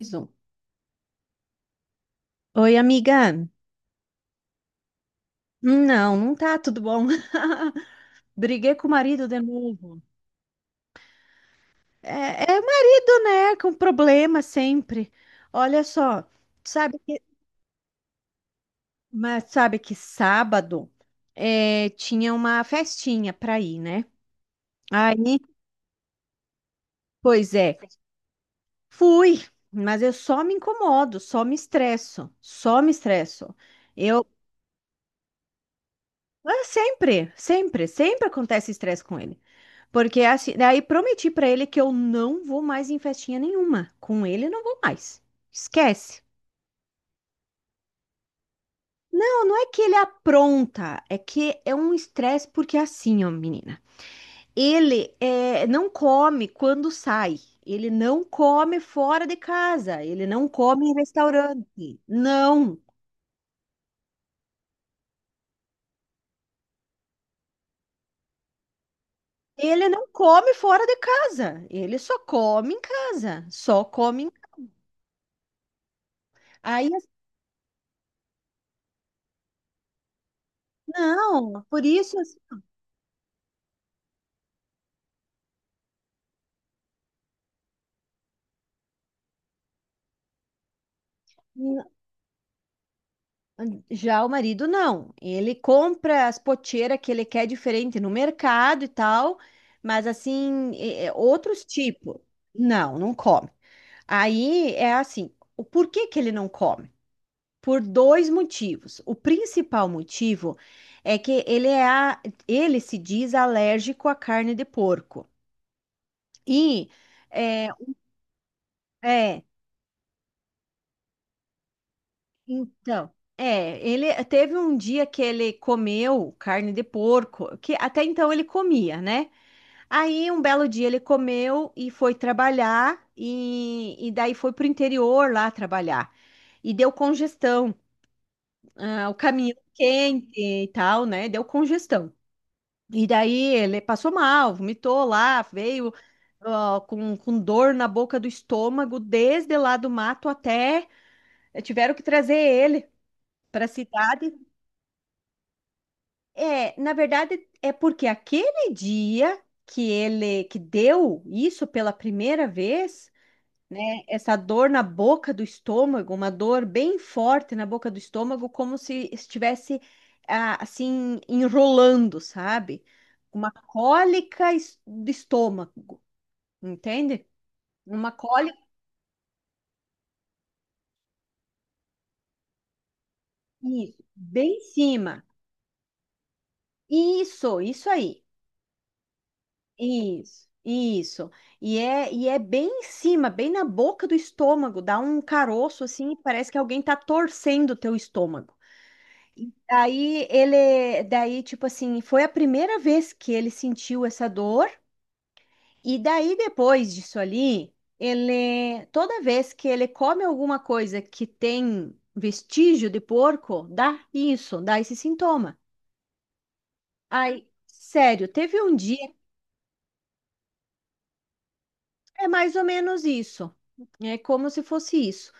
Mais um. Oi, amiga. Não, não tá tudo bom. Briguei com o marido de novo. É, é o marido, né? Com problema sempre. Olha só, sabe que, mas sabe que sábado tinha uma festinha pra ir, né? Aí, pois é, fui, mas eu só me incomodo, só me estresso, só me estresso. Eu, ah, sempre, sempre, sempre acontece estresse com ele. Porque assim, daí prometi pra ele que eu não vou mais em festinha nenhuma. Com ele não vou mais. Esquece. Não, não é que ele apronta, é que é um estresse porque é assim, ó, menina. Não come quando sai. Ele não come fora de casa. Ele não come em restaurante. Não. Ele não come fora de casa. Ele só come em casa. Aí, assim, não, por isso... assim, já o marido não. Ele compra as poteiras que ele quer diferente no mercado e tal, mas assim, é outros tipos. Não, não come. Aí é assim, o porquê que ele não come? Por dois motivos. O principal motivo é que ele se diz alérgico à carne de porco. E é, é, Então, é, ele teve um dia que ele comeu carne de porco, que até então ele comia, né? Aí um belo dia ele comeu e foi trabalhar e daí foi pro interior lá trabalhar. E deu congestão, ah, o caminho quente e tal, né? Deu congestão. E daí ele passou mal, vomitou lá, veio ó, com dor na boca do estômago, desde lá do mato até tiveram que trazer ele para a cidade. É, na verdade, é porque aquele dia que ele que deu isso pela primeira vez, né, essa dor na boca do estômago, uma dor bem forte na boca do estômago, como se estivesse ah, assim enrolando, sabe? Uma do estômago, entende? Uma cólica, isso, bem em cima. Isso aí. Isso, isso. E é bem em cima, bem na boca do estômago, dá um caroço assim, e parece que alguém tá torcendo o teu estômago. Daí tipo assim, foi a primeira vez que ele sentiu essa dor. E daí depois disso ali, ele, toda vez que ele come alguma coisa que tem vestígio de porco, dá isso, dá esse sintoma. Aí, sério, teve um dia é mais ou menos isso. É como se fosse isso.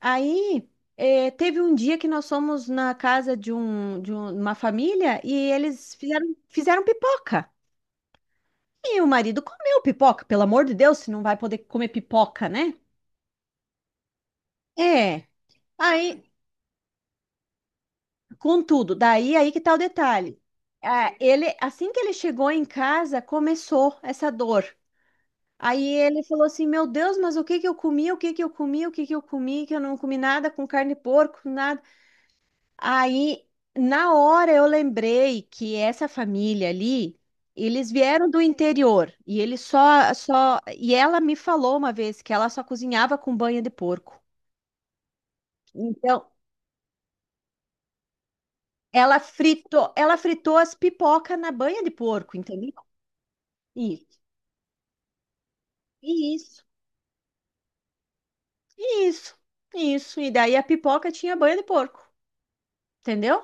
Aí, teve um dia que nós fomos na casa de uma família e eles fizeram pipoca. E o marido comeu pipoca, pelo amor de Deus, se não vai poder comer pipoca, né? É. Aí, contudo, daí aí que tá o detalhe. Ah, ele, assim que ele chegou em casa, começou essa dor. Aí ele falou assim: "Meu Deus, mas o que que eu comi? O que que eu comi? O que que eu comi? Que eu não comi nada com carne de porco, nada." Aí, na hora, eu lembrei que essa família ali, eles vieram do interior e ela me falou uma vez que ela só cozinhava com banha de porco. Então, ela fritou as pipocas na banha de porco, entendeu? Isso, isso, isso, isso. E daí a pipoca tinha banha de porco, entendeu?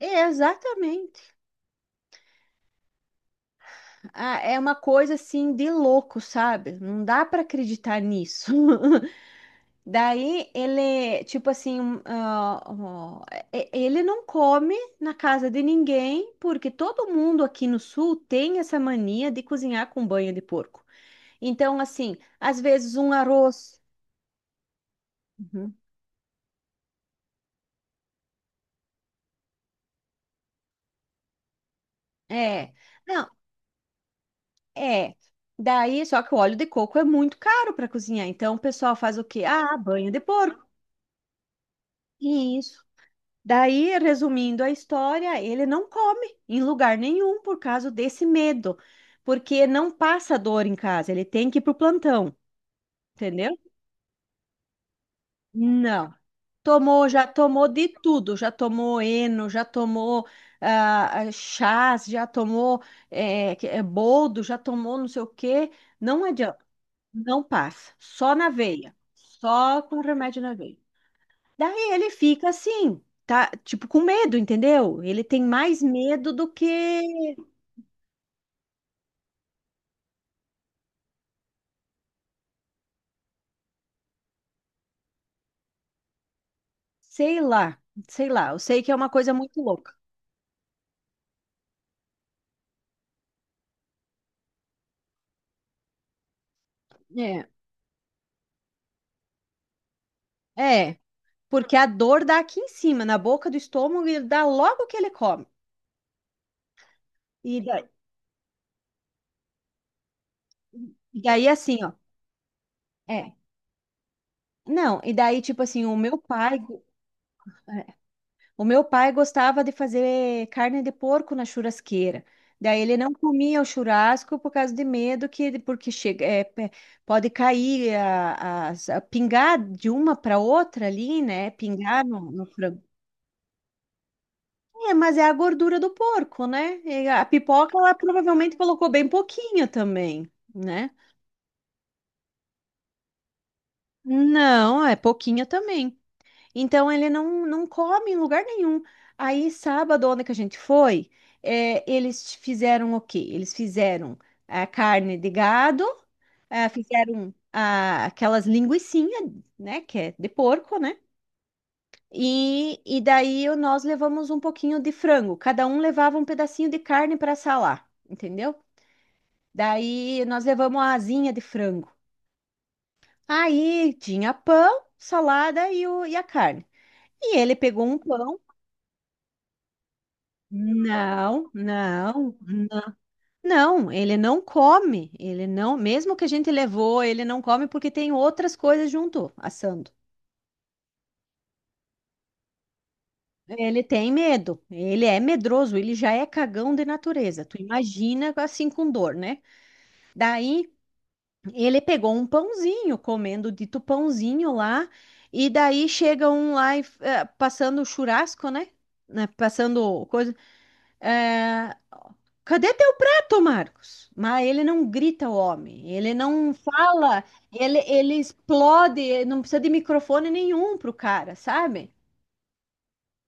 Exatamente. Ah, é uma coisa assim de louco, sabe? Não dá para acreditar nisso. Daí ele, tipo assim, um, ah, ó, e- ele não come na casa de ninguém, porque todo mundo aqui no sul tem essa mania de cozinhar com banha de porco. Então, assim, às vezes um arroz. Uhum. É. Não, é. Daí, só que o óleo de coco é muito caro para cozinhar. Então, o pessoal faz o quê? Ah, banho de porco. Isso. Daí, resumindo a história, ele não come em lugar nenhum por causa desse medo, porque não passa dor em casa, ele tem que ir pro plantão, entendeu? Não. Tomou, já tomou de tudo, já tomou eno, já tomou chás, já tomou boldo, já tomou não sei o quê. Não adianta, não passa, só na veia, só com remédio na veia. Daí ele fica assim, tá? Tipo, com medo, entendeu? Ele tem mais medo do que, sei lá, sei lá. Eu sei que é uma coisa muito louca. É, é, porque a dor dá aqui em cima, na boca do estômago, e dá logo que ele come. E daí, e daí assim, ó. É. Não, e daí, tipo assim, o meu pai. O meu pai gostava de fazer carne de porco na churrasqueira. Daí ele não comia o churrasco por causa de medo que porque pode cair a pingar de uma para outra ali, né? Pingar no frango. É, mas é a gordura do porco, né? E a pipoca ela provavelmente colocou bem pouquinho também, né? Não, é pouquinho também. Então ele não, não come em lugar nenhum. Aí, sábado, onde que a gente foi, eles fizeram o quê? Eles fizeram a carne de gado, ah, fizeram ah, aquelas linguicinhas, né? Que é de porco, né? E nós levamos um pouquinho de frango. Cada um levava um pedacinho de carne para salar, entendeu? Daí nós levamos a asinha de frango. Aí tinha pão, salada e a carne. E ele pegou um pão. Não, não, n- não, ele não come, ele não, mesmo que a gente levou, ele não come porque tem outras coisas junto, assando. Ele tem medo, ele é medroso, ele já é cagão de natureza. Tu imagina assim com dor, né? Daí ele pegou um pãozinho, comendo o dito pãozinho lá, e daí chega um lá passando o churrasco, né? Né, passando coisa. eh, Cadê teu prato, Marcos? Mas ele não grita, o homem. Ele não fala, ele explode, não precisa de microfone nenhum pro cara, sabe?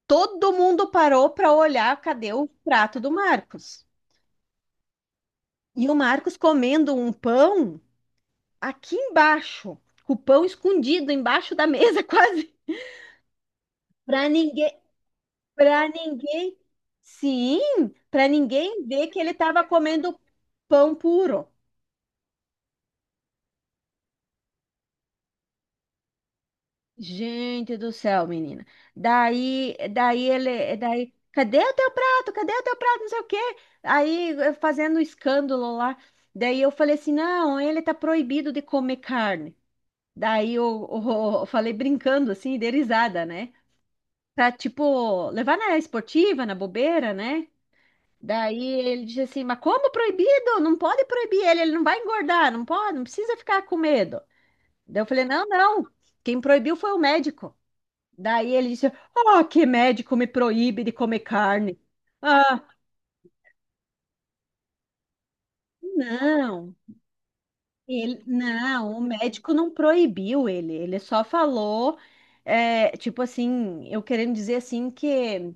Todo mundo parou para olhar cadê o prato do Marcos. E o Marcos comendo um pão aqui embaixo, com o pão escondido embaixo da mesa, quase. Para ninguém, para ninguém, sim, para ninguém ver que ele estava comendo pão puro. Gente do céu, menina. Cadê o teu prato? Cadê o teu prato? Não sei o quê. Aí eu fazendo escândalo lá. Daí eu falei assim: "Não, ele tá proibido de comer carne". Daí eu, eu falei brincando assim, de risada, né? Pra tipo levar na esportiva, na bobeira, né? Daí ele disse assim: "Mas como proibido? Não pode proibir ele, ele não vai engordar, não pode, não precisa ficar com medo". Daí eu falei: "Não, não. Quem proibiu foi o médico". Daí ele disse: "Oh, que médico me proíbe de comer carne." Ah, não, ele, não, o médico não proibiu ele, ele só falou, é, tipo assim, eu querendo dizer assim que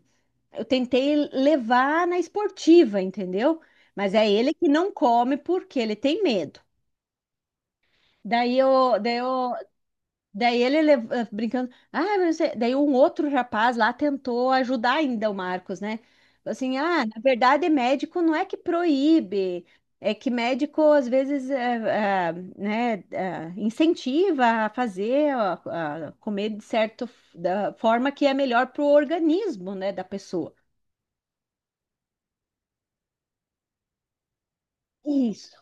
eu tentei levar na esportiva, entendeu? Mas é ele que não come porque ele tem medo. Daí eu. Daí ele brincando, ah, "mas você-" daí um outro rapaz lá tentou ajudar ainda o Marcos, né? Falou assim, ah, na verdade, médico não é que proíbe, é que médico às vezes incentiva a fazer, a comer de certa da forma que é melhor para o organismo, né, da pessoa. Isso,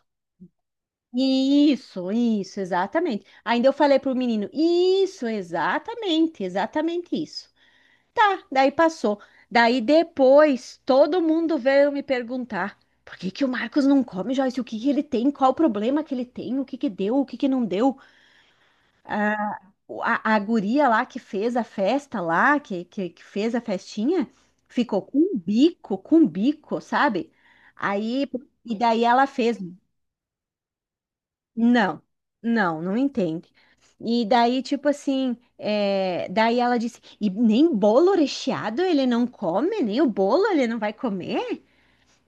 isso, exatamente. Ainda eu falei para o menino, isso, exatamente, exatamente isso. Tá, daí passou. Daí depois todo mundo veio me perguntar: por que que o Marcos não come, Joyce? O que que ele tem? Qual o problema que ele tem? O que que deu? O que que não deu? A, a guria lá que fez a festa lá, que fez a festinha, ficou com um bico, sabe? Aí, e daí ela fez. Não, não, não entende. E daí, tipo assim, é, daí ela disse, e nem bolo recheado ele não come, nem o bolo ele não vai comer?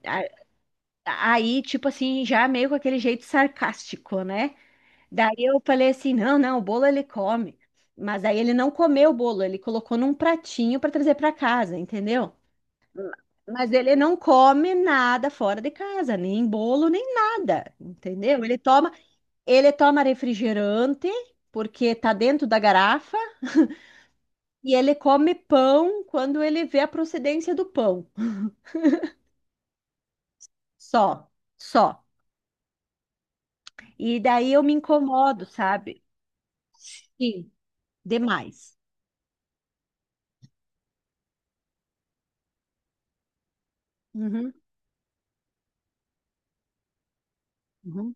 A- Aí, tipo assim, já meio com aquele jeito sarcástico, né? Daí eu falei assim, não, não, o bolo ele come. Mas aí ele não comeu o bolo, ele colocou num pratinho para trazer para casa, entendeu? Mas ele não come nada fora de casa, nem bolo, nem nada, entendeu? Ele toma refrigerante, porque tá dentro da garrafa, e ele come pão quando ele vê a procedência do pão. Só, só. E daí eu me incomodo, sabe? Sim, demais. Uhum, uhum,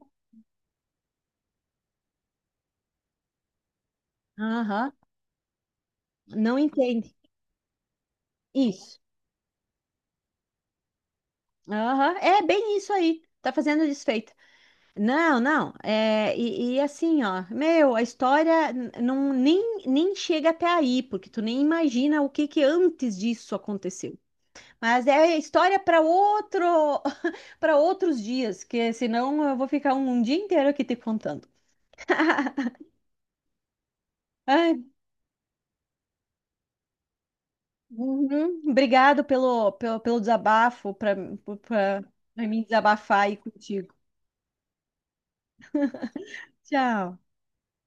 aham. Não entende. Isso. Aham, é bem isso aí. Tá fazendo desfeita. Não, não. E assim, ó, meu, a não, nem, nem chega até aí, porque tu nem imagina o que que antes disso aconteceu. Mas é história para outro, para outros dias, que senão eu vou ficar um dia inteiro aqui te contando. Ai, uhum, obrigado pelo, pelo, pelo desabafo, para me desabafar aí contigo. Tchau.